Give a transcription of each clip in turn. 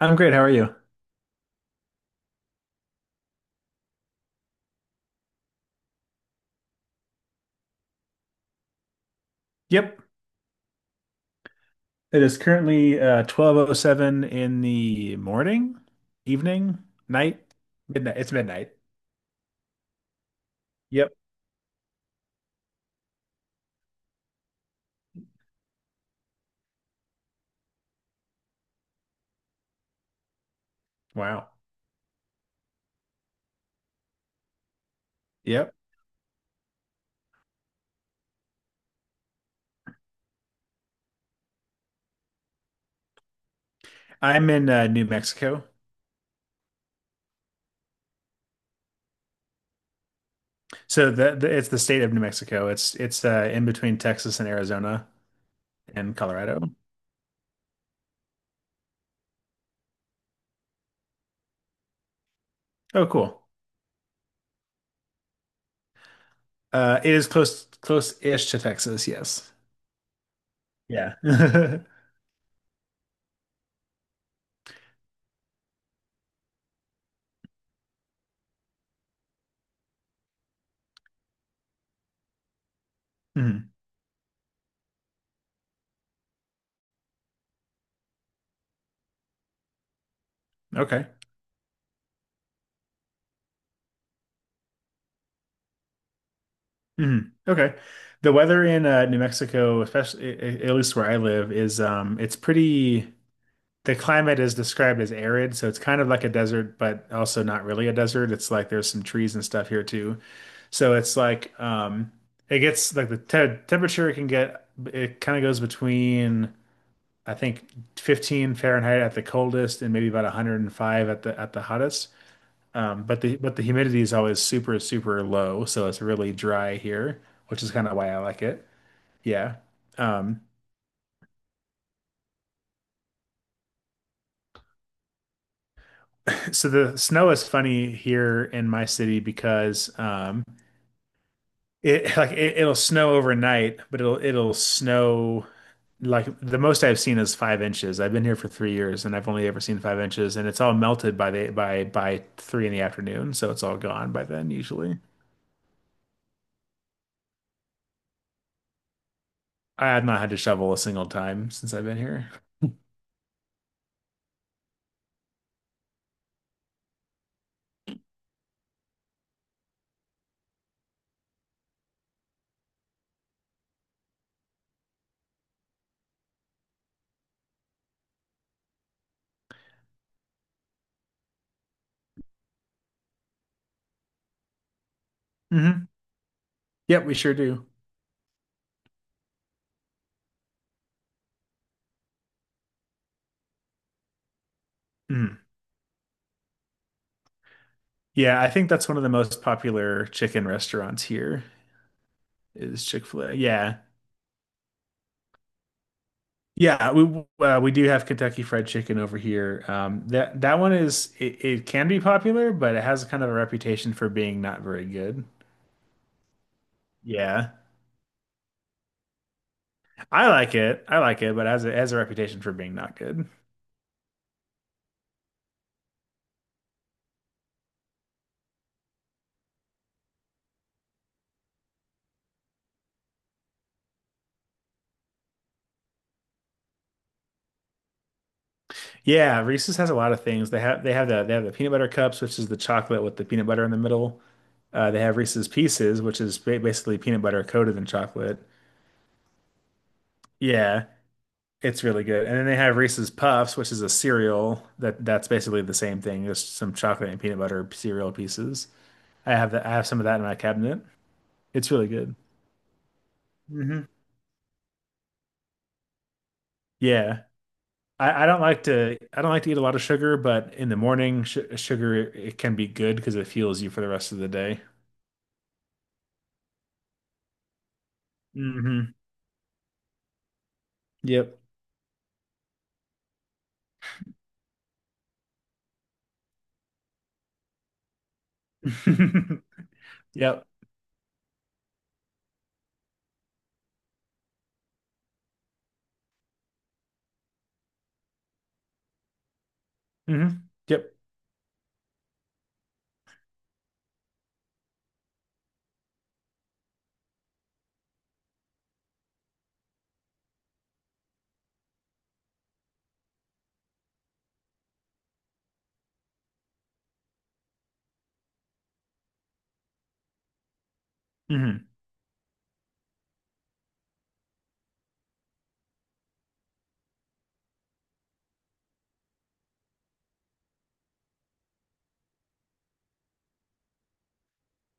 I'm great. How are you? Yep. It is currently 12:07 in the morning, evening, night, midnight. It's midnight. Yep. Wow. Yep. I'm in New Mexico. So the it's the state of New Mexico. It's in between Texas and Arizona and Colorado. Oh, cool. It is close-ish to Texas, yes. Yeah. Mhm. Okay. Mhm. Okay. The weather in New Mexico, especially at least where I live, is it's pretty. The climate is described as arid, so it's kind of like a desert, but also not really a desert. It's like there's some trees and stuff here too. So it's like it gets like the te temperature can get. It kind of goes between, I think, 15 Fahrenheit at the coldest and maybe about 105 at the hottest. But the humidity is always super low, so it's really dry here, which is kind of why I like it. Yeah. Um, so the snow is funny here in my city because it like it'll snow overnight, but it'll snow like the most I've seen is 5 inches. I've been here for 3 years and I've only ever seen 5 inches, and it's all melted by the by three in the afternoon, so it's all gone by then usually. I have not had to shovel a single time since I've been here. Hmm. Yep, we sure do. Mhm. Yeah, I think that's one of the most popular chicken restaurants here is Chick-fil-A. Yeah. Yeah, we do have Kentucky Fried Chicken over here. That one is it can be popular, but it has kind of a reputation for being not very good. Yeah, I like it. I like it, but it has it has a reputation for being not good. Yeah, Reese's has a lot of things. They have the peanut butter cups, which is the chocolate with the peanut butter in the middle. They have Reese's Pieces, which is basically peanut butter coated in chocolate. Yeah, it's really good. And then they have Reese's Puffs, which is a cereal that that's basically the same thing, just some chocolate and peanut butter cereal pieces. I have that. I have some of that in my cabinet. It's really good. Hmm. Yeah. I don't like to. I don't like to eat a lot of sugar, but in the morning sh sugar it can be good because it fuels you for the rest of the day. Hmm. Yep. Yep. Hmm. Yep. Hmm.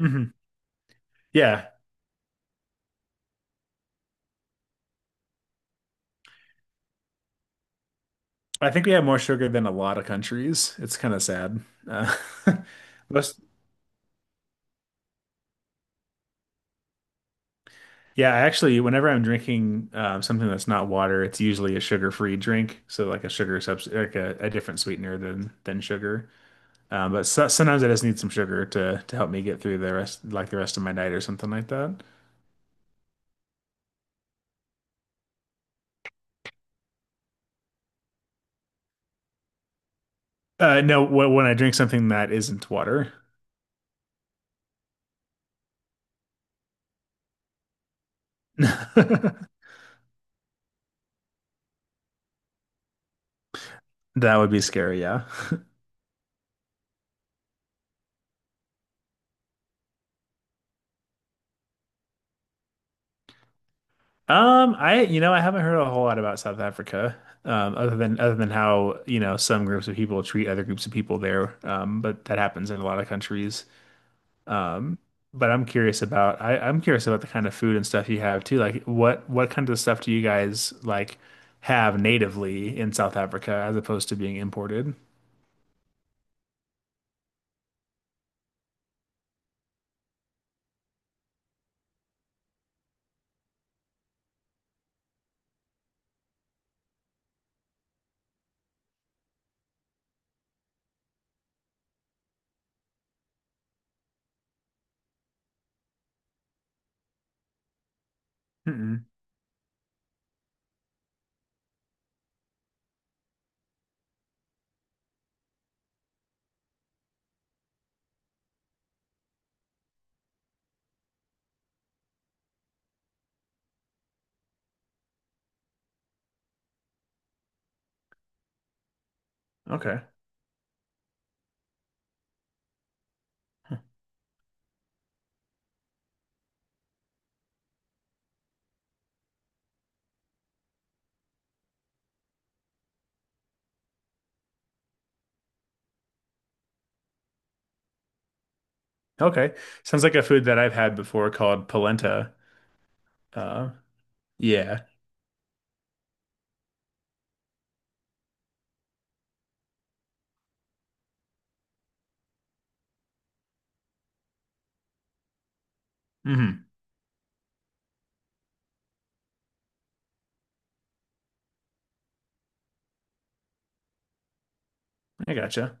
Hmm. Yeah. I think we have more sugar than a lot of countries. It's kind of sad. Uh, most. Yeah, I actually, whenever I'm drinking something that's not water, it's usually a sugar-free drink. So like a sugar substitute, like a different sweetener than sugar. But so, sometimes I just need some sugar to help me get through the rest of my night or something like that. No, when I drink something that isn't water. That would be scary. Yeah. You know, I haven't heard a whole lot about South Africa, other than how, you know, some groups of people treat other groups of people there. But that happens in a lot of countries. Um, but I'm curious about. I'm curious about the kind of food and stuff you have too. Like what kind of stuff do you guys like have natively in South Africa as opposed to being imported? Mm-mm. Okay. Okay. Sounds like a food that I've had before called polenta. Uh, yeah. Hmm. I gotcha.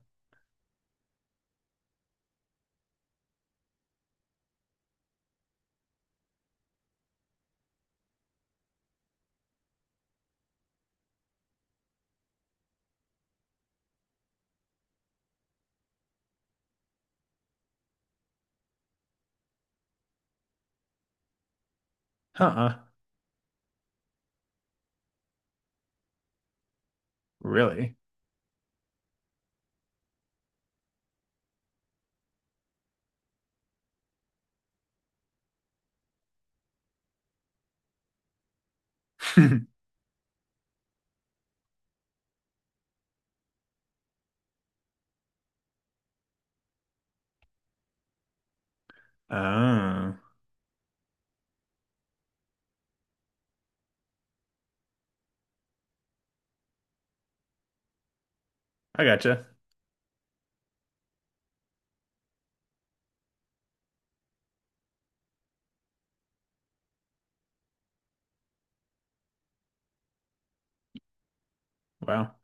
Huh. Really? Oh, I gotcha. Wow.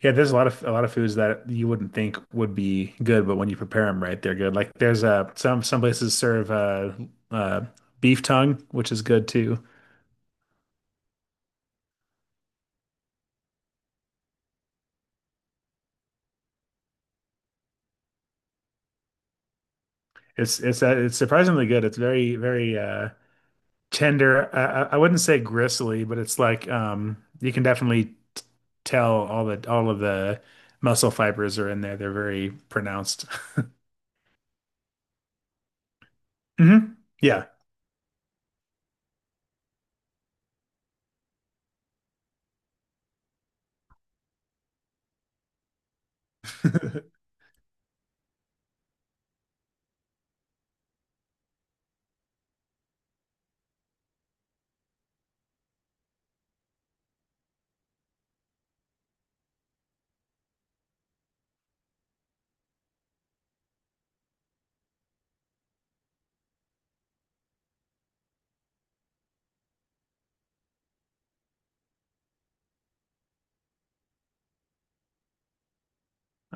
Yeah, there's a lot of foods that you wouldn't think would be good, but when you prepare them right, they're good. Like there's some places serve uh beef tongue, which is good too. It's it's surprisingly good. It's very tender. I wouldn't say gristly, but it's like you can definitely tell all of the muscle fibers are in there. They're very pronounced. Hmm. Yeah.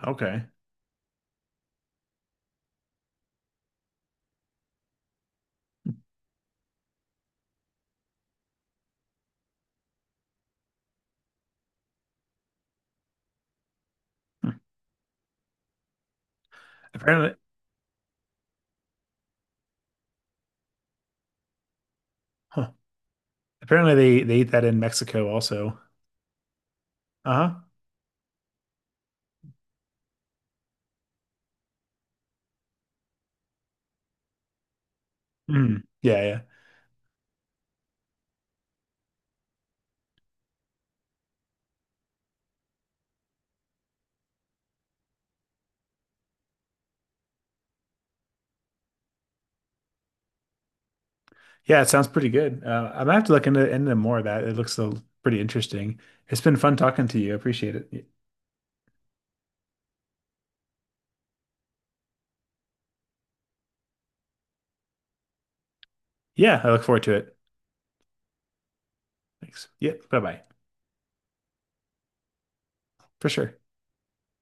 Okay. Hmm. Apparently, huh. Apparently they eat that in Mexico also. Uh-huh. Mm. Yeah, yeah. Yeah, it sounds pretty good. I'm gonna have to look into more of that. It looks so pretty interesting. It's been fun talking to you. I appreciate it. Yeah, I look forward to it. Thanks. Yeah, bye-bye. For sure.